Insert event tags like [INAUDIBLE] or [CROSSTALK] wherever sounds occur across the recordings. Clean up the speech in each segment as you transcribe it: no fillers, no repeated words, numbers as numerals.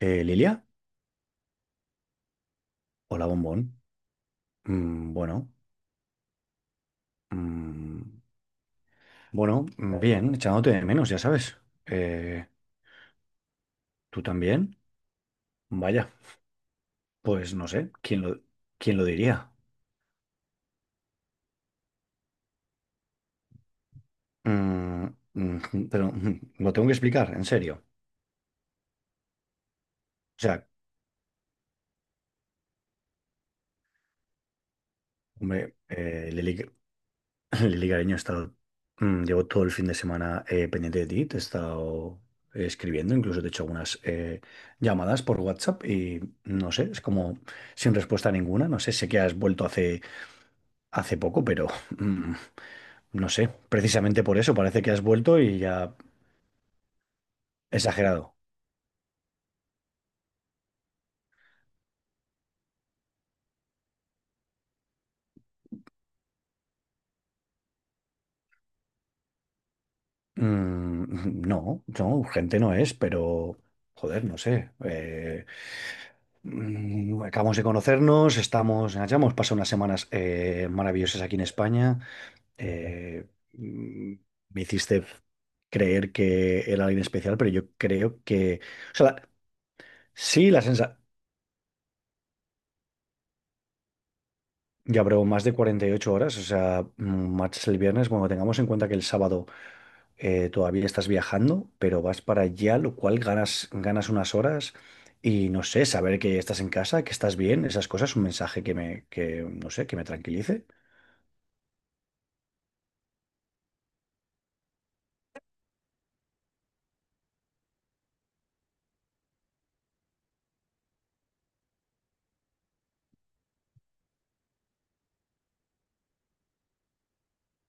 Lilia, hola bombón. Bueno, mm, bueno, bien, echándote de menos, ya sabes. Eh, ¿Tú también? Vaya, pues no sé, quién lo diría? Mm, mm, [LAUGHS] pero lo tengo que explicar, en serio. O sea, hombre, Lili, [LAUGHS] Lili, cariño, he estado, llevo todo el fin de semana pendiente de ti, te he estado escribiendo, incluso te he hecho algunas llamadas por WhatsApp y no sé, es como sin respuesta ninguna. No sé, sé que has vuelto hace poco, pero mm, no sé. Precisamente por eso parece que has vuelto y ya exagerado. No, no, urgente no es, pero joder, no sé. Acabamos de conocernos, estamos, ya hemos pasado unas semanas maravillosas aquí en España. eh, mm, Me hiciste creer que era alguien especial, pero yo creo que, o sea, sí, la sensación. Ya, pero más de 48 horas, o sea, marchas el viernes. Bueno, tengamos en cuenta que el sábado todavía estás viajando, pero vas para allá, lo cual ganas, ganas unas horas y no sé, saber que estás en casa, que estás bien, esas cosas, un mensaje que me, que, no sé, que me tranquilice.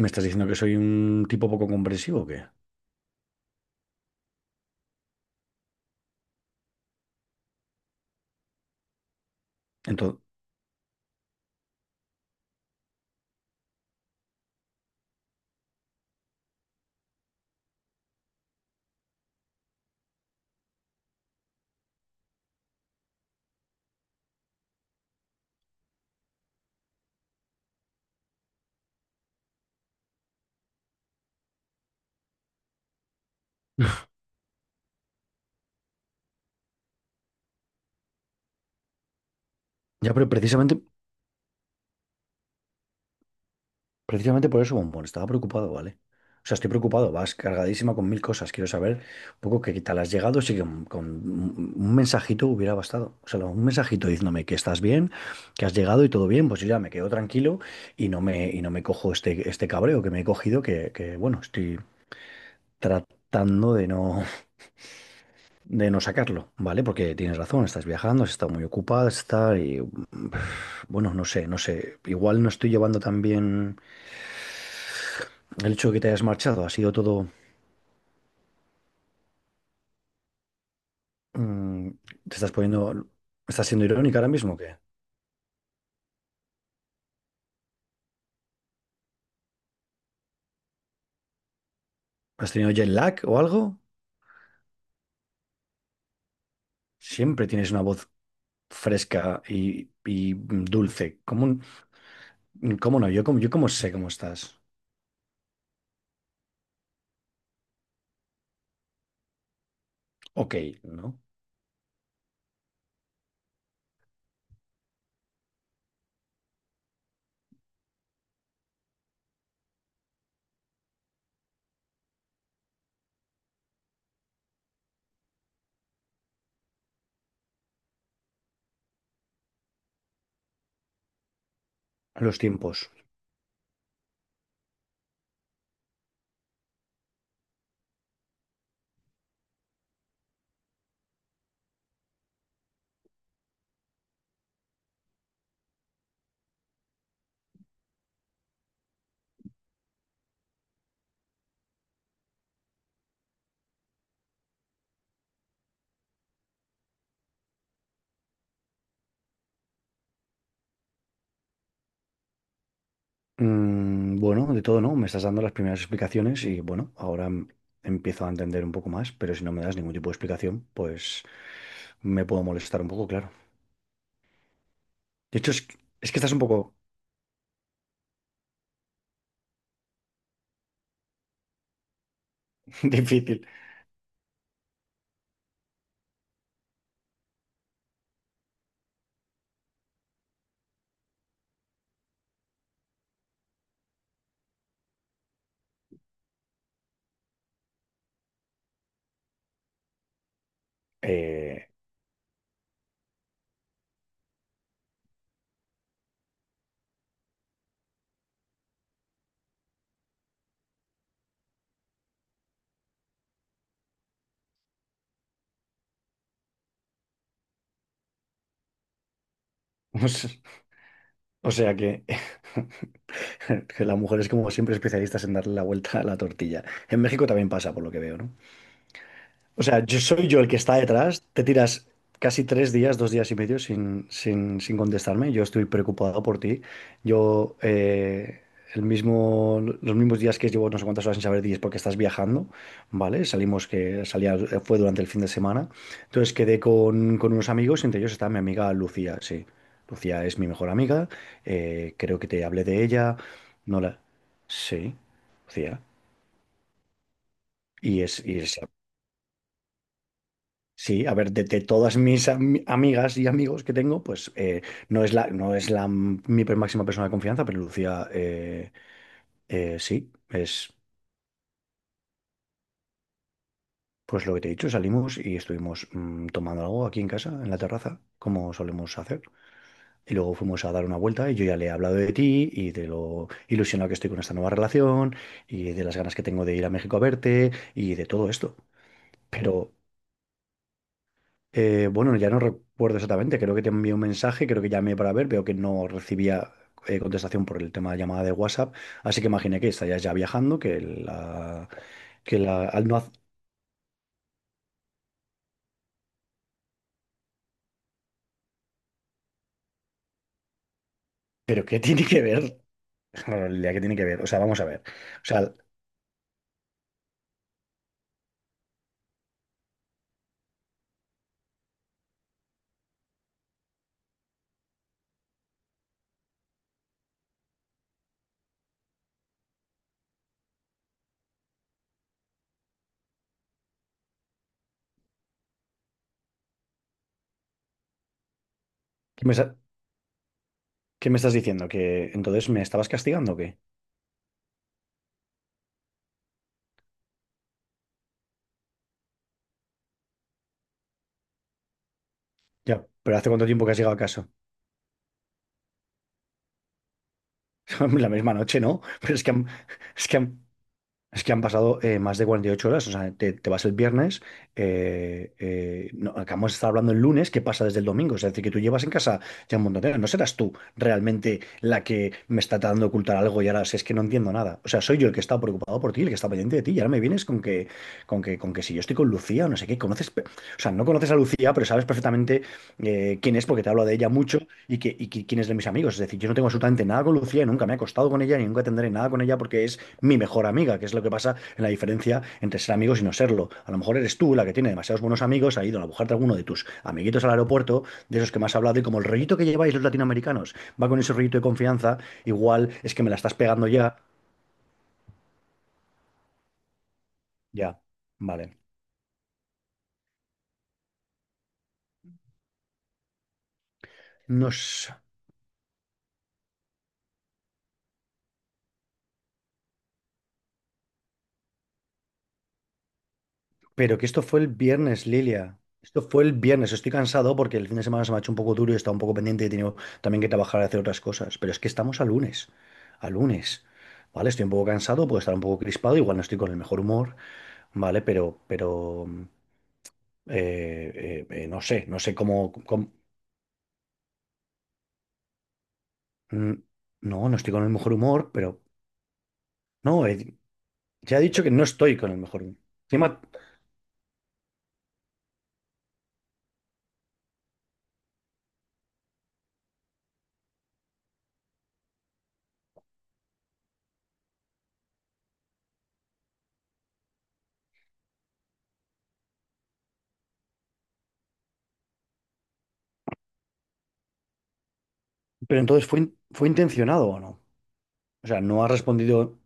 ¿Me estás diciendo que soy un tipo poco comprensivo o qué? Entonces, ya, pero Precisamente por eso, bombón, estaba preocupado, ¿vale? O sea, estoy preocupado, vas cargadísima con mil cosas. Quiero saber un poco qué tal has llegado, si con un mensajito hubiera bastado. O sea, un mensajito diciéndome que estás bien, que has llegado y todo bien, pues yo ya me quedo tranquilo y no me cojo este cabreo que me he cogido, bueno, estoy tratando de no, sacarlo, ¿vale? Porque tienes razón, estás viajando, has estado muy ocupada, está y bueno, no sé, no sé. Igual no estoy llevando tan bien el hecho de que te hayas marchado, ha sido todo. Mm, ¿te estás poniendo, Estás siendo irónica ahora mismo o qué? ¿Has tenido jet lag o algo? Siempre tienes una voz fresca y dulce. ¿Cómo no? Yo cómo sé cómo estás. Ok, ¿no? Los tiempos. Bueno, de todo, ¿no? Me estás dando las primeras explicaciones y bueno, ahora empiezo a entender un poco más, pero si no me das ningún tipo de explicación, pues me puedo molestar un poco, claro. De hecho, es que estás un poco [LAUGHS] difícil. Eh, [LAUGHS] o sea que... [LAUGHS] [LAUGHS] Que la mujer es como siempre especialistas en darle la vuelta a la tortilla. En México también pasa, por lo que veo, ¿no? O sea, yo soy yo el que está detrás. Te tiras casi 3 días, 2 días y medio sin contestarme. Yo estoy preocupado por ti. Yo, los mismos días que llevo no sé cuántas horas sin saber de ti es porque estás viajando, ¿vale? Salimos que salía, fue durante el fin de semana. Entonces quedé con unos amigos, entre ellos está mi amiga Lucía, sí. Lucía es mi mejor amiga. Creo que te hablé de ella. No la... Sí, Lucía. Y es Sí, a ver, de todas mis amigas y amigos que tengo, pues no es la máxima persona de confianza, pero Lucía, sí, es pues lo que te he dicho, salimos y estuvimos tomando algo aquí en casa, en la terraza, como solemos hacer. Y luego fuimos a dar una vuelta y yo ya le he hablado de ti y de lo ilusionado que estoy con esta nueva relación y de las ganas que tengo de ir a México a verte y de todo esto. Pero bueno, ya no recuerdo exactamente, creo que te envié un mensaje, creo que llamé para ver, veo que no recibía contestación por el tema de llamada de WhatsApp, así que imaginé que estarías ya viajando, que la... al no haz- Pero ¿qué [LAUGHS] tiene que ver? [LAUGHS] Realidad, ¿qué tiene que ver? O sea, vamos a ver. O sea, ¿qué me, sa- qué me estás diciendo? ¿Que entonces me estabas castigando o qué? Ya, pero ¿hace cuánto tiempo que has llegado a casa? [LAUGHS] La misma noche, ¿no? Pero es que han... es que han pasado más de 48 horas, o sea, te vas el viernes, no, acabamos de estar hablando el lunes, ¿qué pasa desde el domingo? Es decir, que tú llevas en casa ya un montón de horas. No serás tú realmente la que me está tratando de ocultar algo y ahora si es que no entiendo nada. O sea, soy yo el que está preocupado por ti, el que está pendiente de ti, y ahora me vienes con que si yo estoy con Lucía o no sé qué, o sea, no conoces a Lucía, pero sabes perfectamente quién es porque te hablo de ella mucho quién es de mis amigos. Es decir, yo no tengo absolutamente nada con Lucía, y nunca me he acostado con ella, ni nunca tendré nada con ella porque es mi mejor amiga, que es lo que pasa en la diferencia entre ser amigos y no serlo. A lo mejor eres tú la que tiene demasiados buenos amigos, ha ido a buscarte alguno de tus amiguitos al aeropuerto, de esos que más has hablado, y como el rollito que lleváis los latinoamericanos va con ese rollito de confianza, igual es que me la estás pegando ya. Ya, vale. No, pero que esto fue el viernes, Lilia. Esto fue el viernes, estoy cansado porque el fin de semana se me ha hecho un poco duro y he estado un poco pendiente y he tenido también que trabajar y hacer otras cosas. Pero es que estamos a lunes, a lunes. Vale, estoy un poco cansado, puedo estar un poco crispado, igual no estoy con el mejor humor. ¿Vale? Pero, no sé, no sé mm, No, no estoy con el mejor humor, pero... No, ya he dicho que no estoy con el mejor humor. Encima, pero entonces ¿fue intencionado o no? O sea, no ha respondido...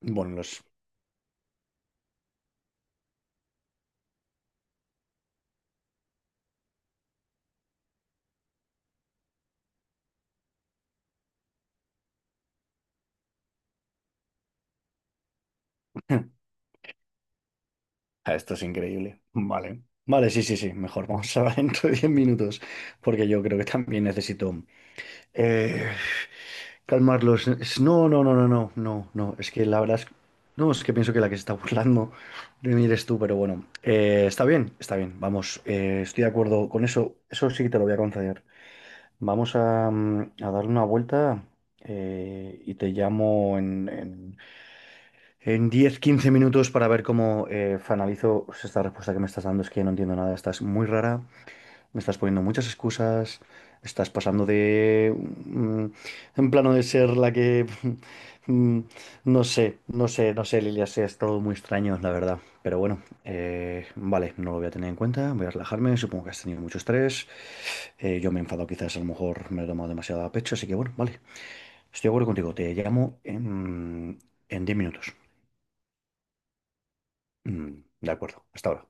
Bueno, los... [LAUGHS] Ah, esto es increíble. Vale. Vale, sí, sí, sí, mejor. [LAUGHS] Vamos a hablar [LAUGHS] dentro de 10 minutos, porque yo creo que también necesito... eh, Calmarlos. No, no, no, no, no, no, no. Es que la verdad es... No, es que pienso que la que se está [LAUGHS] burlando de mí eres tú, pero bueno. Está bien, está bien. Vamos, estoy de acuerdo con eso. Eso sí que te lo voy a conceder. Vamos a darle una vuelta y te llamo en 10, 15 minutos para ver cómo finalizo pues, esta respuesta que me estás dando. Es que no entiendo nada. Estás muy rara. Me estás poniendo muchas excusas, estás pasando de en plano de ser la que [LAUGHS] mm, no sé, no sé, no sé, Lilia, sí, es todo muy extraño, la verdad. Pero bueno, vale, no lo voy a tener en cuenta, voy a relajarme, supongo que has tenido mucho estrés, yo me he enfadado quizás, a lo mejor me lo he tomado demasiado a pecho, así que bueno, vale, estoy de acuerdo contigo, te llamo en 10 minutos. Mm, de acuerdo, hasta ahora.